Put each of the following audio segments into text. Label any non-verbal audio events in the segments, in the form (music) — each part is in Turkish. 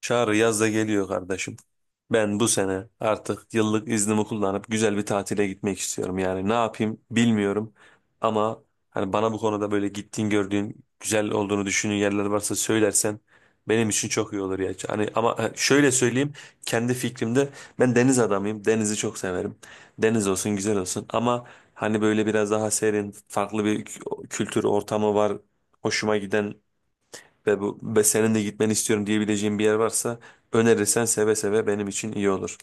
Çağrı yaz da geliyor kardeşim. Ben bu sene artık yıllık iznimi kullanıp güzel bir tatile gitmek istiyorum. Yani ne yapayım bilmiyorum. Ama hani bana bu konuda böyle gittiğin gördüğün güzel olduğunu düşündüğün yerler varsa söylersen benim için çok iyi olur ya. Hani ama şöyle söyleyeyim kendi fikrimde ben deniz adamıyım. Denizi çok severim. Deniz olsun güzel olsun ama hani böyle biraz daha serin farklı bir kültür ortamı var. Hoşuma giden ve bu ve senin de gitmeni istiyorum diyebileceğim bir yer varsa önerirsen seve seve benim için iyi olur.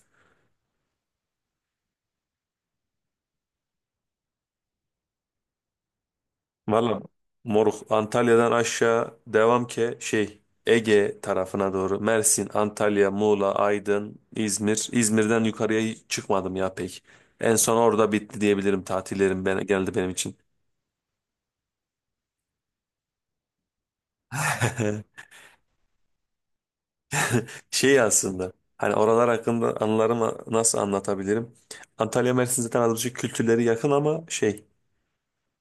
Valla moruk Antalya'dan aşağı devam ki şey Ege tarafına doğru Mersin, Antalya, Muğla, Aydın, İzmir. İzmir'den yukarıya hiç çıkmadım ya pek. En son orada bitti diyebilirim tatillerim ben, genelde benim için. (laughs) Şey aslında hani oralar hakkında anılarımı nasıl anlatabilirim? Antalya Mersin zaten az buçuk kültürleri yakın ama şey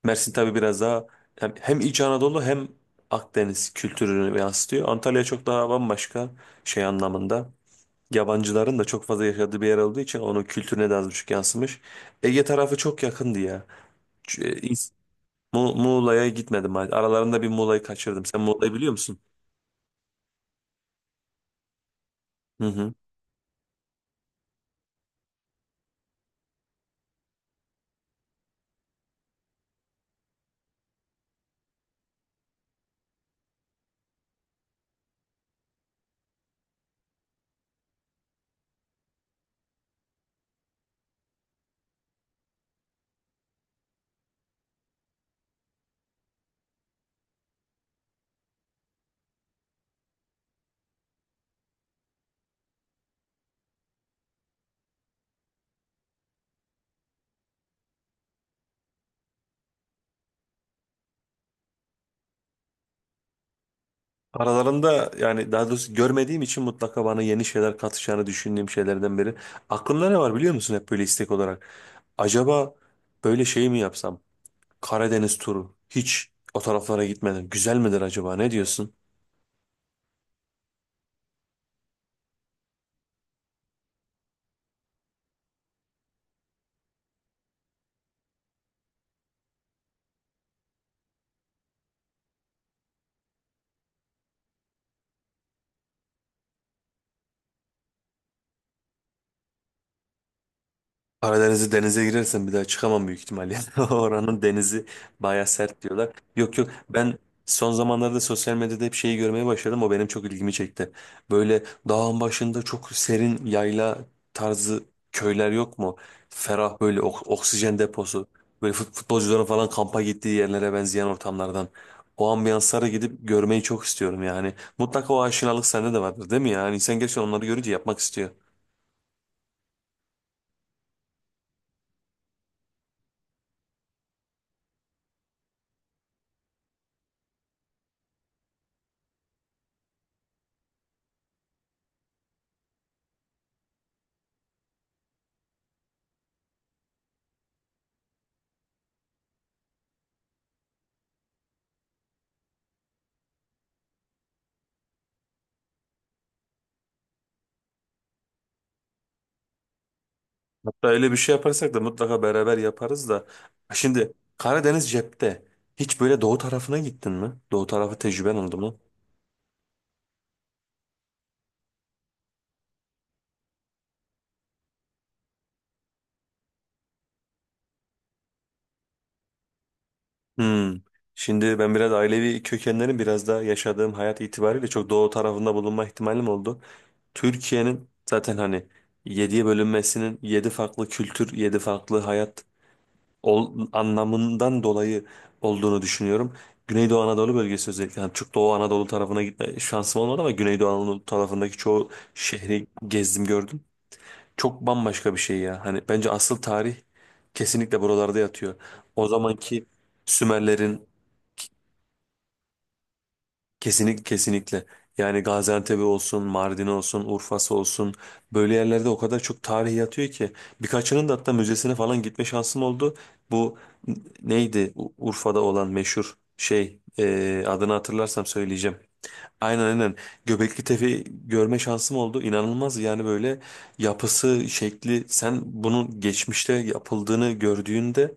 Mersin tabii biraz daha hem İç Anadolu hem Akdeniz kültürünü yansıtıyor. Antalya çok daha bambaşka şey anlamında. Yabancıların da çok fazla yaşadığı bir yer olduğu için onun kültürüne de az buçuk yansımış. Ege tarafı çok yakındı ya. Ç- e, İz- Muğla'ya gitmedim hadi. Aralarında bir Muğla'yı kaçırdım. Sen Muğla'yı biliyor musun? Hı hı. Aralarında yani daha doğrusu görmediğim için mutlaka bana yeni şeyler katacağını düşündüğüm şeylerden biri. Aklımda ne var biliyor musun hep böyle istek olarak? Acaba böyle şey mi yapsam? Karadeniz turu. Hiç o taraflara gitmedim. Güzel midir acaba? Ne diyorsun? Karadeniz'i denize girersem bir daha çıkamam büyük ihtimalle. (laughs) Oranın denizi baya sert diyorlar. Yok yok ben son zamanlarda sosyal medyada hep şeyi görmeye başladım. O benim çok ilgimi çekti. Böyle dağın başında çok serin yayla tarzı köyler yok mu? Ferah böyle oksijen deposu. Böyle futbolcuların falan kampa gittiği yerlere benzeyen ortamlardan. O ambiyanslara gidip görmeyi çok istiyorum yani. Mutlaka o aşinalık sende de vardır değil mi ya? Yani insan gerçekten onları görünce yapmak istiyor. Hatta öyle bir şey yaparsak da mutlaka beraber yaparız da. Şimdi Karadeniz cepte. Hiç böyle doğu tarafına gittin mi? Doğu tarafı tecrüben oldu mu? Hmm. Şimdi ben biraz ailevi kökenlerim biraz da yaşadığım hayat itibariyle çok doğu tarafında bulunma ihtimalim oldu. Türkiye'nin zaten hani yediye bölünmesinin yedi farklı kültür, yedi farklı hayat anlamından dolayı olduğunu düşünüyorum. Güneydoğu Anadolu bölgesi özellikle yani çok Doğu Anadolu tarafına gitme şansım olmadı ama Güneydoğu Anadolu tarafındaki çoğu şehri gezdim gördüm. Çok bambaşka bir şey ya. Hani bence asıl tarih kesinlikle buralarda yatıyor. O zamanki Sümerlerin kesinlikle. Yani Gaziantep olsun, Mardin olsun, Urfa'sı olsun böyle yerlerde o kadar çok tarih yatıyor ki birkaçının da hatta müzesine falan gitme şansım oldu. Bu n- neydi Urfa'da olan meşhur şey adını hatırlarsam söyleyeceğim. Aynen aynen. Göbekli Tepe'yi görme şansım oldu. İnanılmaz yani böyle yapısı, şekli. Sen bunun geçmişte yapıldığını gördüğünde,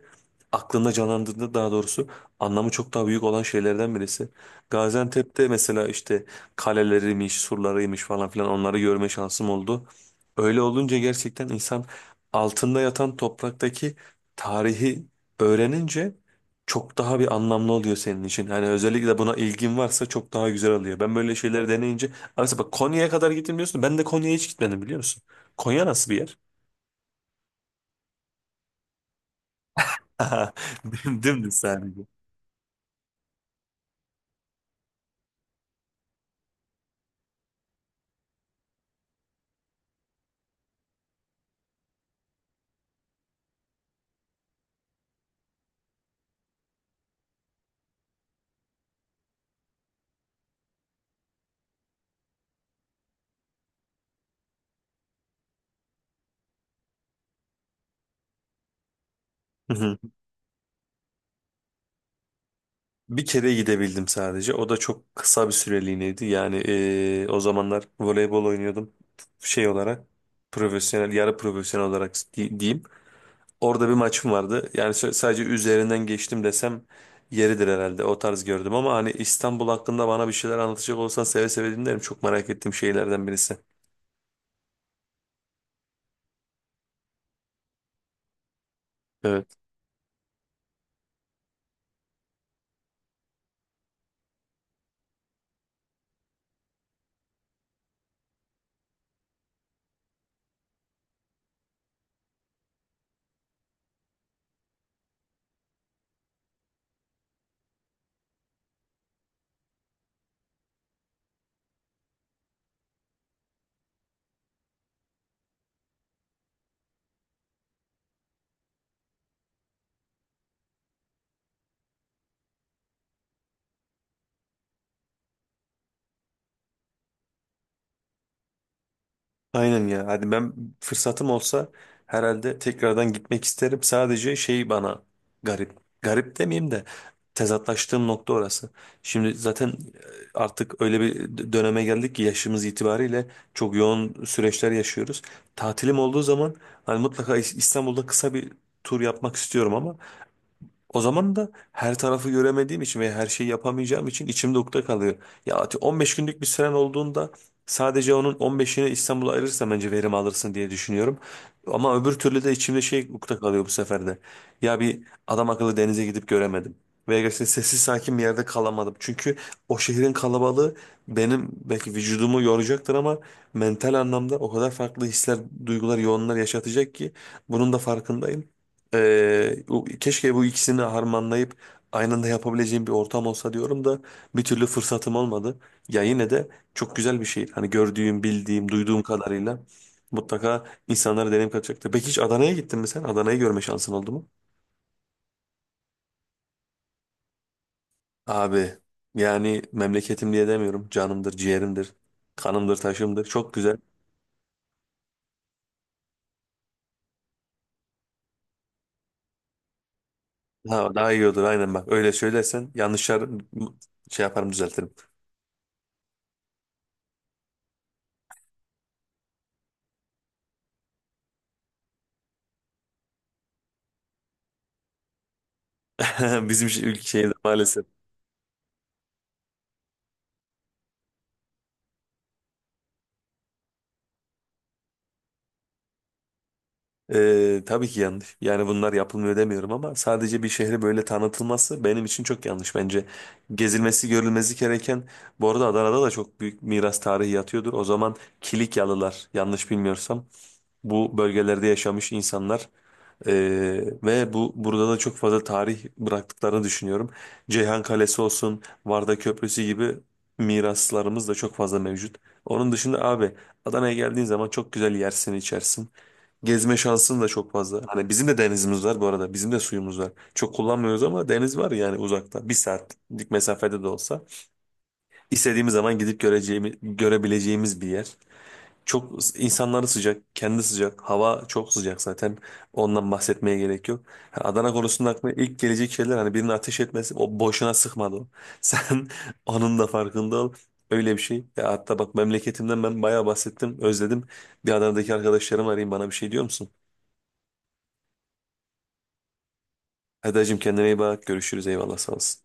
aklında canlandığında daha doğrusu anlamı çok daha büyük olan şeylerden birisi. Gaziantep'te mesela işte kaleleriymiş, surlarıymış falan filan onları görme şansım oldu. Öyle olunca gerçekten insan altında yatan topraktaki tarihi öğrenince çok daha bir anlamlı oluyor senin için. Hani özellikle buna ilgin varsa çok daha güzel oluyor. Ben böyle şeyleri deneyince abi mesela bak Konya'ya kadar gittim diyorsun. Ben de Konya'ya hiç gitmedim biliyor musun? Konya nasıl bir yer? (laughs) Dümdüz sadece. Hı hı. Bir kere gidebildim sadece. O da çok kısa bir süreliğineydi. Yani o zamanlar voleybol oynuyordum. Şey olarak profesyonel, yarı profesyonel olarak diyeyim. Orada bir maçım vardı. Yani sadece üzerinden geçtim desem yeridir herhalde. O tarz gördüm ama hani İstanbul hakkında bana bir şeyler anlatacak olsan seve seve dinlerim. Çok merak ettiğim şeylerden birisi. Evet. Aynen ya. Hadi ben fırsatım olsa herhalde tekrardan gitmek isterim. Sadece şey bana garip. Garip demeyeyim de tezatlaştığım nokta orası. Şimdi zaten artık öyle bir döneme geldik ki yaşımız itibariyle çok yoğun süreçler yaşıyoruz. Tatilim olduğu zaman hani mutlaka İstanbul'da kısa bir tur yapmak istiyorum ama o zaman da her tarafı göremediğim için ve her şeyi yapamayacağım için içimde ukde kalıyor. Ya 15 günlük bir süren olduğunda sadece onun 15'ini İstanbul'a ayırırsan bence verim alırsın diye düşünüyorum. Ama öbür türlü de içimde şey ukde kalıyor bu sefer de. Ya bir adam akıllı denize gidip göremedim. Veya gerçekten sessiz sakin bir yerde kalamadım. Çünkü o şehrin kalabalığı benim belki vücudumu yoracaktır ama mental anlamda o kadar farklı hisler, duygular, yoğunlar yaşatacak ki bunun da farkındayım. Keşke bu ikisini harmanlayıp aynı anda yapabileceğim bir ortam olsa diyorum da bir türlü fırsatım olmadı. Ya yine de çok güzel bir şey. Hani gördüğüm, bildiğim, duyduğum kadarıyla mutlaka insanlara deneyim katacaktır. Peki hiç Adana'ya gittin mi sen? Adana'yı görme şansın oldu mu? Abi yani memleketim diye demiyorum. Canımdır, ciğerimdir, kanımdır, taşımdır. Çok güzel. Ha, daha iyi olur aynen bak. Öyle söylersen yanlışlar şey yaparım düzeltirim. (laughs) Bizim şey, ülke şeyde maalesef. Tabii ki yanlış. Yani bunlar yapılmıyor demiyorum ama sadece bir şehri böyle tanıtılması benim için çok yanlış bence. Gezilmesi, görülmesi gereken bu arada Adana'da da çok büyük miras tarihi yatıyordur. O zaman Kilikyalılar yanlış bilmiyorsam bu bölgelerde yaşamış insanlar ee, ve burada da çok fazla tarih bıraktıklarını düşünüyorum. Ceyhan Kalesi olsun, Varda Köprüsü gibi miraslarımız da çok fazla mevcut. Onun dışında abi Adana'ya geldiğin zaman çok güzel yersin, içersin. Gezme şansın da çok fazla. Hani bizim de denizimiz var bu arada. Bizim de suyumuz var. Çok kullanmıyoruz ama deniz var yani uzakta. Bir saatlik mesafede de olsa. İstediğimiz zaman gidip göreceğimiz, görebileceğimiz bir yer. Çok insanları sıcak, kendi sıcak. Hava çok sıcak zaten. Ondan bahsetmeye gerek yok. Ha, Adana konusunda aklıma ilk gelecek şeyler hani birinin ateş etmesi o boşuna sıkmadı o. (laughs) Sen onun da farkında ol. Öyle bir şey. Ya hatta bak memleketimden ben bayağı bahsettim, özledim. Bir Adana'daki arkadaşlarım arayayım bana bir şey diyor musun? Eda'cığım kendine iyi bak. Görüşürüz. Eyvallah sağ olasın.